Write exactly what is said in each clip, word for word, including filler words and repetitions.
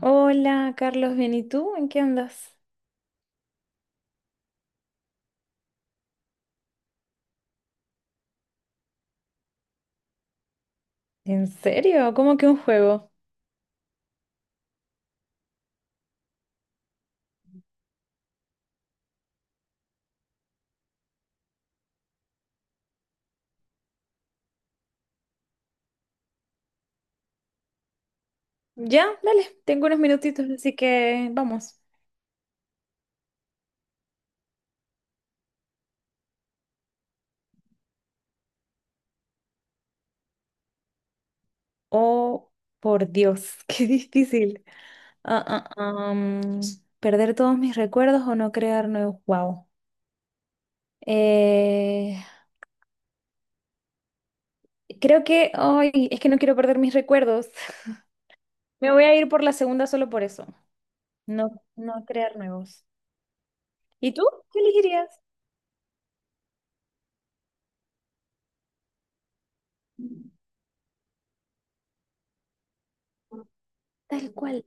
Hola, Carlos, bien, ¿y tú? ¿En qué andas? ¿En serio? ¿Cómo que un juego? Ya, dale, tengo unos minutitos, así que vamos. Oh, por Dios, qué difícil. Ah, ah, am, perder todos mis recuerdos o no crear nuevos. Wow. Eh, creo que, ay, es que no quiero perder mis recuerdos. Me voy a ir por la segunda solo por eso. No, no crear nuevos. ¿Y tú? ¿Qué elegirías? Tal cual.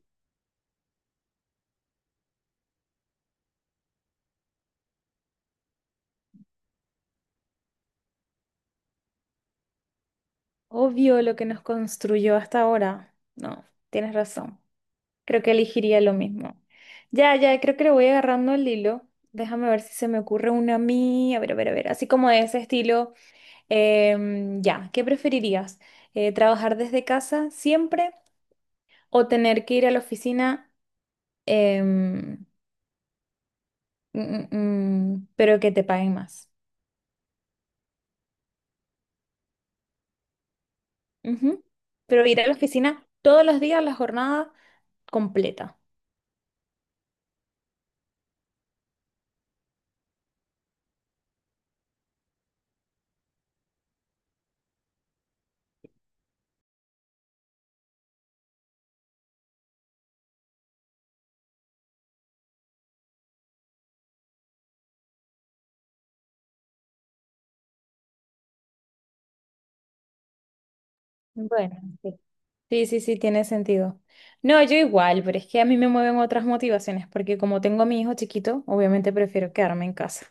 Obvio lo que nos construyó hasta ahora. No, tienes razón. Creo que elegiría lo mismo. Ya, ya, creo que le voy agarrando el hilo. Déjame ver si se me ocurre una a mí. A ver, a ver, a ver. Así como de ese estilo. Em, ya, ¿qué preferirías? Eh, ¿trabajar desde casa siempre o tener que ir a la oficina, em, mm, mm, mm, pero que te paguen más? Ujú. Pero ir a la oficina todos los días, la jornada completa. Bueno, sí. Sí, sí, sí, tiene sentido. No, yo igual, pero es que a mí me mueven otras motivaciones, porque como tengo a mi hijo chiquito, obviamente prefiero quedarme en casa.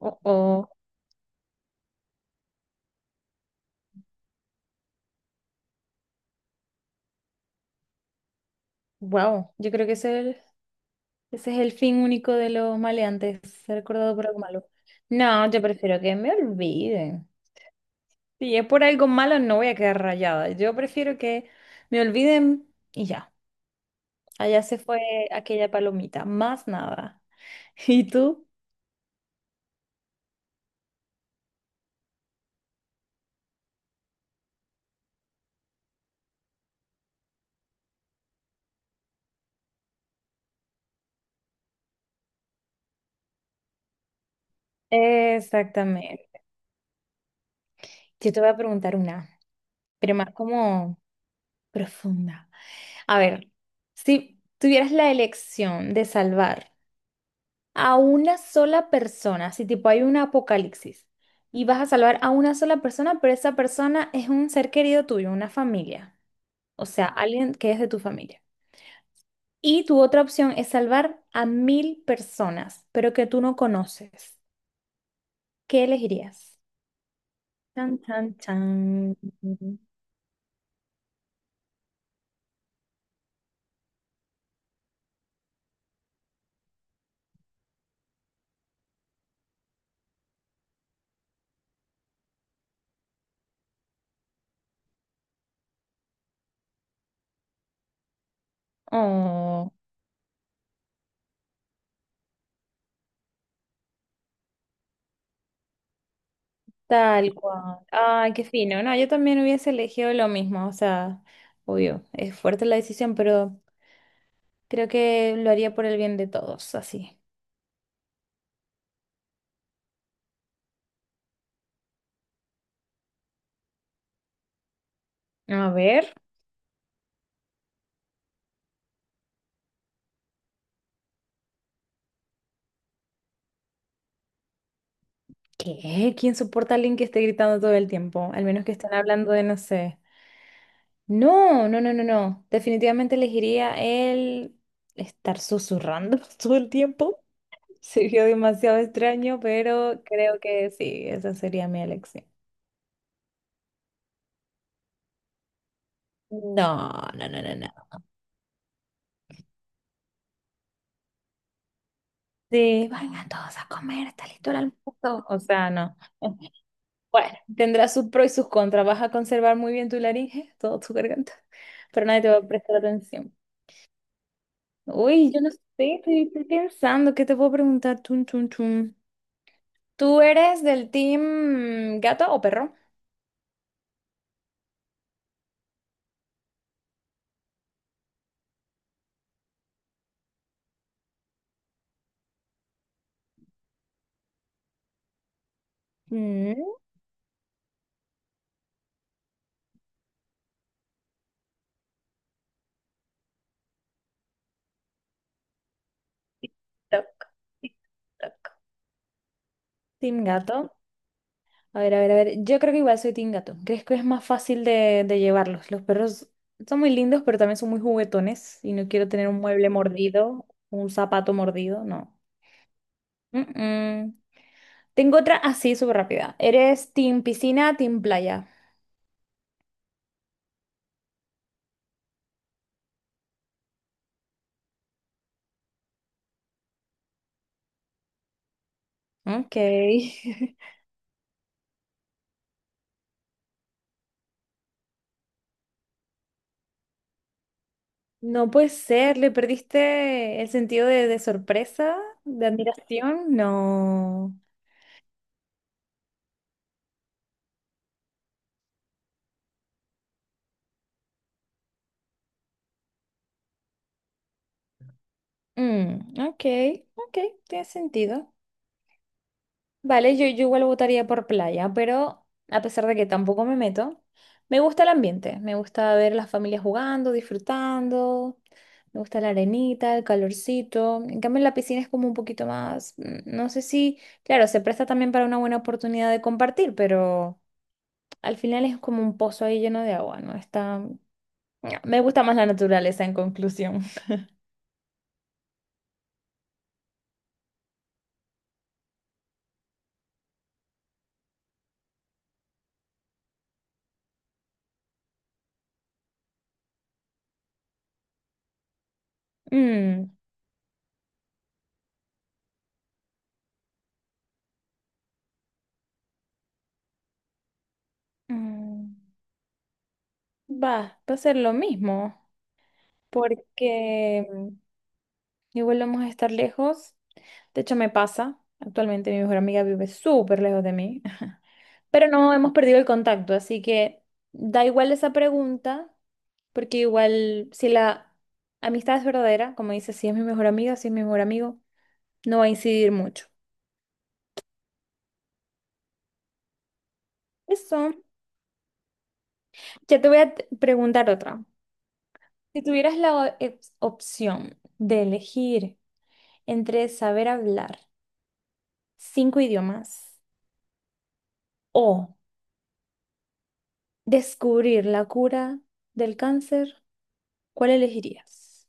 O, o, wow, yo creo que ese es el, ese es el fin único de los maleantes, ser recordado por algo malo. No, yo prefiero que me olviden. Si es por algo malo, no voy a quedar rayada. Yo prefiero que me olviden y ya. Allá se fue aquella palomita, más nada. ¿Y tú? Exactamente. Yo te voy a preguntar una, pero más como profunda. A ver, si tuvieras la elección de salvar a una sola persona, si tipo hay un apocalipsis y vas a salvar a una sola persona, pero esa persona es un ser querido tuyo, una familia, o sea, alguien que es de tu familia. Y tu otra opción es salvar a mil personas, pero que tú no conoces. ¿Qué elegirías? Chan, chan, chan. Oh. Tal cual. Ay, qué fino. No, yo también hubiese elegido lo mismo. O sea, obvio, es fuerte la decisión, pero creo que lo haría por el bien de todos, así. A ver, ¿qué? ¿Quién soporta a alguien que esté gritando todo el tiempo? Al menos que estén hablando de, no sé. No, no, no, no, no. Definitivamente elegiría el estar susurrando todo el tiempo. Sería demasiado extraño, pero creo que sí, esa sería mi elección. No, no, no, no, no, de vengan todos a comer, está listo el almuerzo. O sea, no. Bueno, tendrá sus pros y sus contras. Vas a conservar muy bien tu laringe, toda tu garganta, pero nadie te va a prestar atención. Uy, yo no sé, estoy, estoy pensando, ¿qué te puedo preguntar? Tun, tun, tun. ¿Tú eres del team gato o perro? Mm, toc, tic, toc. Team gato. A ver, a ver, a ver. Yo creo que igual soy team gato. ¿Crees que es más fácil de, de llevarlos? Los perros son muy lindos, pero también son muy juguetones y no quiero tener un mueble mordido, un zapato mordido, no. Mm, mm. Tengo otra así súper rápida. ¿Eres team piscina, team playa? Ok. No puede ser, le perdiste el sentido de, de sorpresa, de admiración. No. Mm, ok, ok, tiene sentido. Vale, yo, yo igual votaría por playa, pero a pesar de que tampoco me meto, me gusta el ambiente, me gusta ver las familias jugando, disfrutando, me gusta la arenita, el calorcito. En cambio, en la piscina es como un poquito más, mm, no sé si, claro, se presta también para una buena oportunidad de compartir, pero al final es como un pozo ahí lleno de agua, ¿no? Está, Me gusta más la naturaleza en conclusión. Mm, mm, va, va a ser lo mismo, porque... mm, igual vamos a estar lejos. De hecho, me pasa. Actualmente mi mejor amiga vive súper lejos de mí. Pero no hemos perdido el contacto, así que da igual esa pregunta, porque igual si la amistad es verdadera, como dice, si es mi mejor amiga, si es mi mejor amigo, no va a incidir mucho. Eso. Ya te voy a t- preguntar otra. Si tuvieras la o- ep- opción de elegir entre saber hablar cinco idiomas o descubrir la cura del cáncer, ¿cuál elegirías?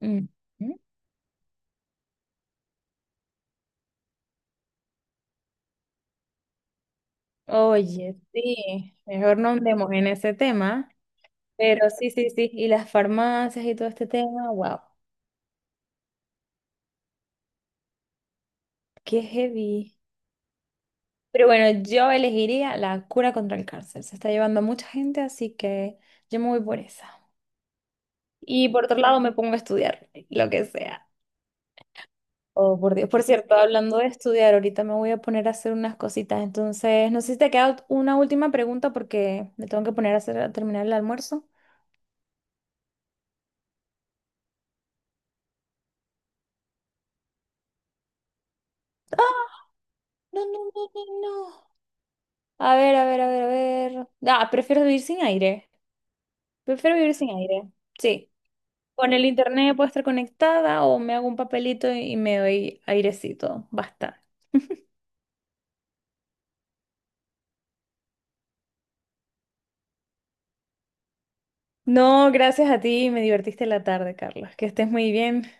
Mm, mm. Oye, sí, mejor no andemos en ese tema, pero sí, sí, sí, y las farmacias y todo este tema, wow, qué heavy. Pero bueno, yo elegiría la cura contra el cáncer, se está llevando a mucha gente, así que yo me voy por esa. Y por otro lado me pongo a estudiar, lo que sea. Oh, por Dios. Por cierto, hablando de estudiar, ahorita me voy a poner a hacer unas cositas. Entonces, no sé si te queda una última pregunta porque me tengo que poner a hacer, a terminar el almuerzo. ¡Ah! No, no, no, no, no. A ver, a ver, a ver, a ver. Ah, prefiero vivir sin aire. Prefiero vivir sin aire. Sí. Con el internet puedo estar conectada o me hago un papelito y y me doy airecito. Basta. No, gracias a ti. Me divertiste la tarde, Carlos. Que estés muy bien.